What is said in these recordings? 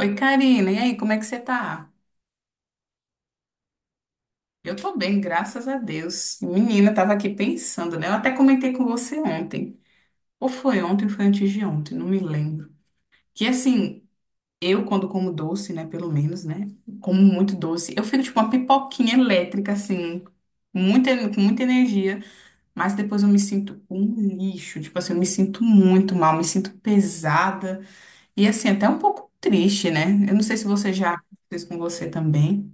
Oi, Karina, e aí, como é que você tá? Eu tô bem, graças a Deus. Menina, tava aqui pensando, né? Eu até comentei com você ontem. Ou foi ontem, ou foi antes de ontem, não me lembro. Que assim, eu quando como doce, né, pelo menos, né? Como muito doce, eu fico tipo uma pipoquinha elétrica, assim, muita, com muita energia, mas depois eu me sinto um lixo, tipo assim, eu me sinto muito mal, me sinto pesada e assim, até um pouco triste, né? Eu não sei se você já fez com você também.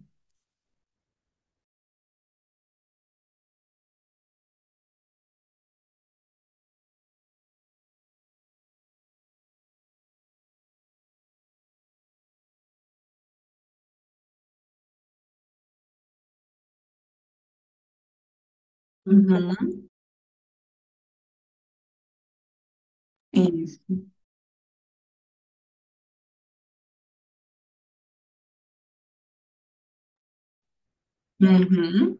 Uhum. Isso. Uhum.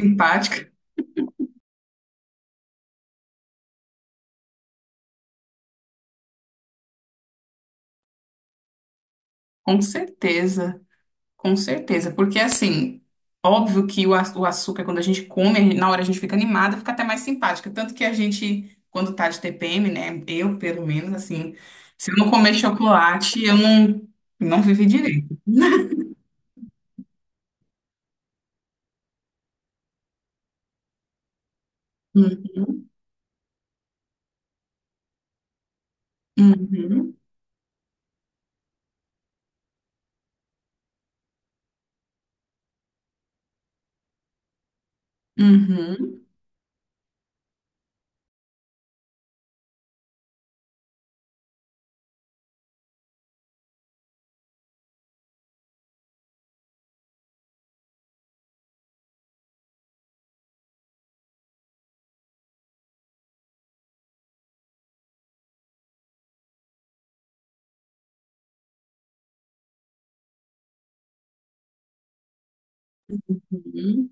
Simpática, com certeza, porque assim, óbvio que o açúcar, quando a gente come, na hora a gente fica animada, fica até mais simpática, tanto que a gente, quando tá de TPM, né, eu pelo menos, assim, se eu não comer chocolate, eu não, não vivi direito. Uhum, uhum, uhum, uhum.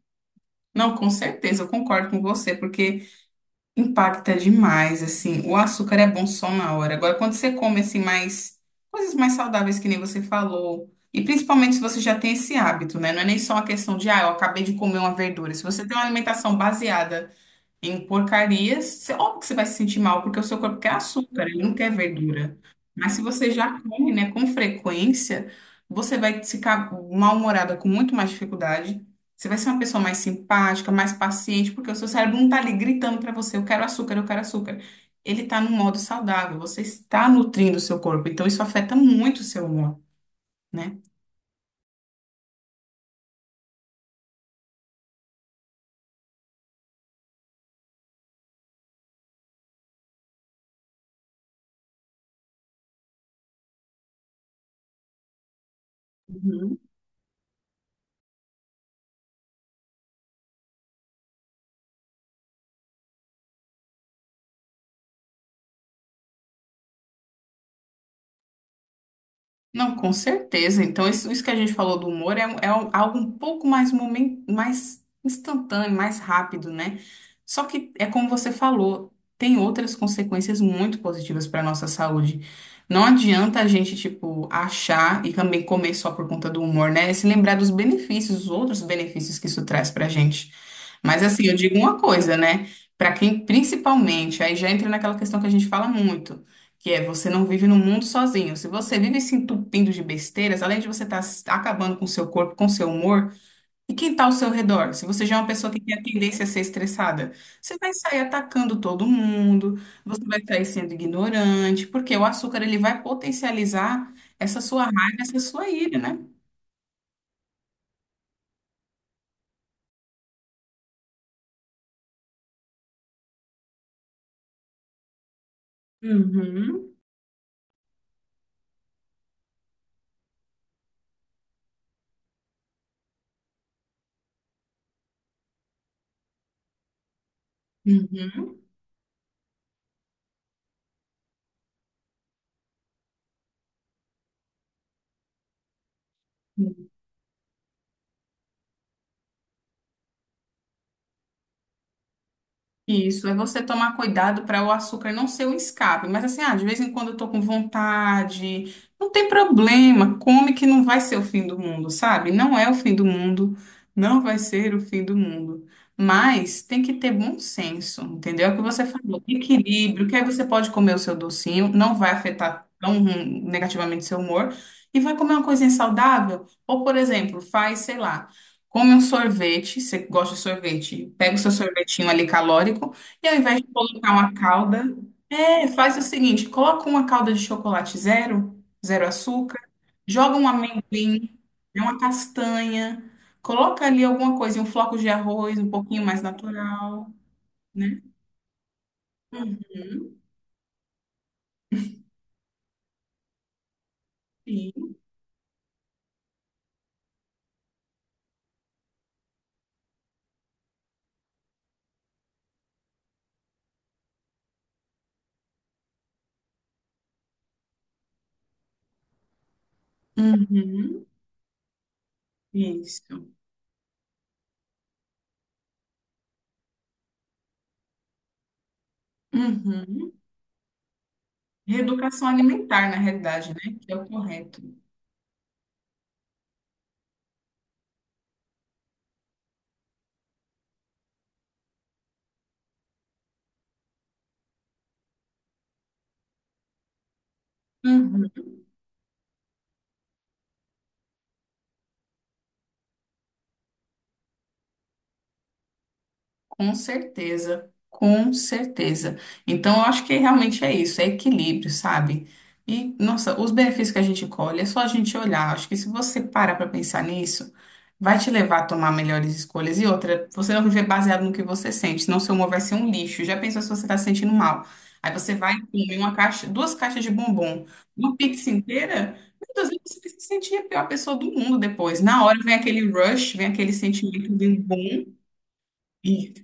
Não, com certeza, eu concordo com você, porque impacta demais, assim. O açúcar é bom só na hora. Agora, quando você come, assim, mais coisas mais saudáveis, que nem você falou, e principalmente se você já tem esse hábito, né? Não é nem só uma questão de, ah, eu acabei de comer uma verdura. Se você tem uma alimentação baseada em porcarias, óbvio que você vai se sentir mal, porque o seu corpo quer açúcar, ele não quer verdura. Mas se você já come, né, com frequência, você vai ficar mal-humorada com muito mais dificuldade. Você vai ser uma pessoa mais simpática, mais paciente, porque o seu cérebro não está ali gritando para você, eu quero açúcar, eu quero açúcar. Ele está num modo saudável, você está nutrindo o seu corpo, então isso afeta muito o seu humor, né? Uhum. Não, com certeza. Então, isso que a gente falou do humor é, é um algo um pouco mais, mais instantâneo, mais rápido, né? Só que é como você falou, tem outras consequências muito positivas para a nossa saúde. Não adianta a gente, tipo, achar e também comer só por conta do humor, né? E se lembrar dos benefícios, os outros benefícios que isso traz para a gente. Mas, assim, eu digo uma coisa, né? Para quem, principalmente, aí já entra naquela questão que a gente fala muito. Que é, você não vive no mundo sozinho. Se você vive se entupindo de besteiras, além de você estar acabando com seu corpo, com seu humor, e quem está ao seu redor? Se você já é uma pessoa que tem a tendência a ser estressada, você vai sair atacando todo mundo, você vai sair sendo ignorante, porque o açúcar ele vai potencializar essa sua raiva, essa sua ira, né? Uhum. Uhum. Isso, é você tomar cuidado para o açúcar não ser um escape. Mas assim, ah, de vez em quando eu tô com vontade, não tem problema, come que não vai ser o fim do mundo, sabe? Não é o fim do mundo, não vai ser o fim do mundo. Mas tem que ter bom senso, entendeu? É o que você falou, equilíbrio, que aí você pode comer o seu docinho, não vai afetar tão negativamente seu humor, e vai comer uma coisinha saudável, ou, por exemplo, faz, sei lá. Come um sorvete, você gosta de sorvete, pega o seu sorvetinho ali calórico e ao invés de colocar uma calda, é, faz o seguinte, coloca uma calda de chocolate zero, zero açúcar, joga um amendoim, né, uma castanha, coloca ali alguma coisa, um floco de arroz, um pouquinho mais natural, né? E- Uhum, isso. Uhum. Reeducação alimentar, na realidade, né? Que é o correto. Uhum. Com certeza, com certeza. Então, eu acho que realmente é isso, é equilíbrio, sabe? E, nossa, os benefícios que a gente colhe, é só a gente olhar. Acho que se você parar para pensar nisso, vai te levar a tomar melhores escolhas. E outra, você não viver baseado no que você sente, senão seu humor vai ser um lixo. Já pensou se você está se sentindo mal? Aí você vai e come uma caixa, duas caixas de bombom, uma pizza inteira. Meu Deus, você vai se sentir a pior pessoa do mundo depois. Na hora vem aquele rush, vem aquele sentimento de um bom. E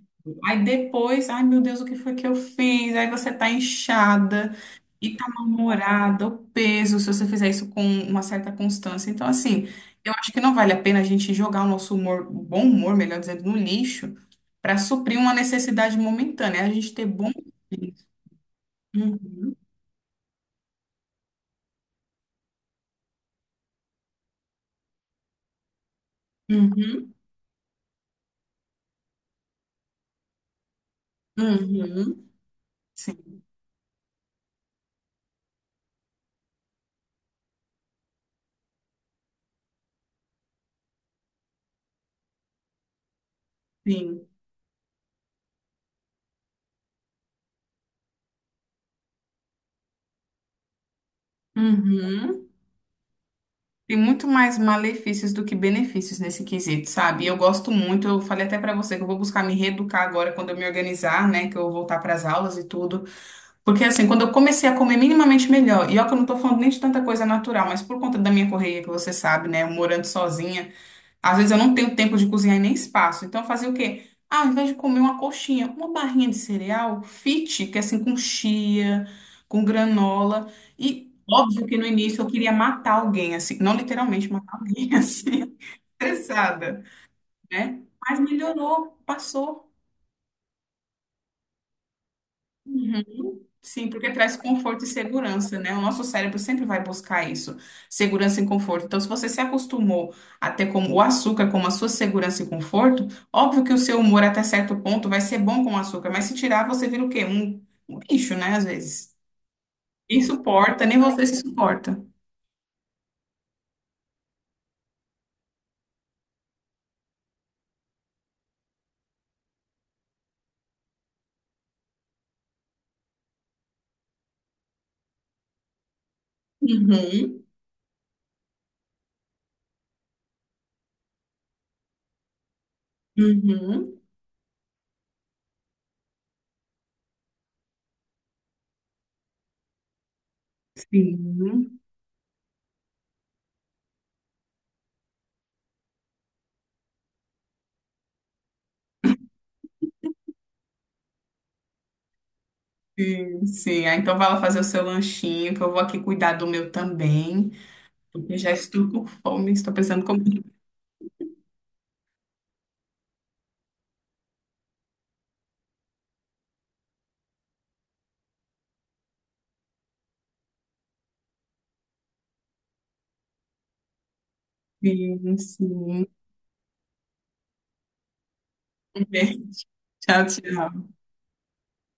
aí depois, ai meu Deus, o que foi que eu fiz? Aí você tá inchada e tá mal-humorada, o peso, se você fizer isso com uma certa constância. Então, assim, eu acho que não vale a pena a gente jogar o nosso humor, o bom humor, melhor dizendo, no lixo para suprir uma necessidade momentânea. É a gente ter bom. Uhum. uhum, uhum. Sim, sim. Uhum. Tem muito mais malefícios do que benefícios nesse quesito, sabe? Eu gosto muito, eu falei até pra você que eu vou buscar me reeducar agora quando eu me organizar, né? Que eu voltar pras aulas e tudo. Porque assim, quando eu comecei a comer minimamente melhor, e ó, que eu não tô falando nem de tanta coisa natural, mas por conta da minha correria, que você sabe, né? Eu morando sozinha. Às vezes eu não tenho tempo de cozinhar e nem espaço. Então eu fazia o quê? Ah, ao invés de comer uma coxinha, uma barrinha de cereal fit, que é assim com chia, com granola. E óbvio que no início eu queria matar alguém, assim, não literalmente matar alguém, assim, estressada, né? Mas melhorou, passou. Uhum. Sim, porque traz conforto e segurança, né? O nosso cérebro sempre vai buscar isso, segurança e conforto. Então, se você se acostumou a ter como o açúcar como a sua segurança e conforto, óbvio que o seu humor até certo ponto vai ser bom com o açúcar, mas se tirar, você vira o quê? Um bicho, né? Às vezes. Quem suporta, nem você se suporta. Uhum. uhum. Sim, sim, sim. Ah, então vai lá fazer o seu lanchinho, que eu vou aqui cuidar do meu também, porque já estou com fome, estou pensando como. Sim, sim. Tchau, tchau.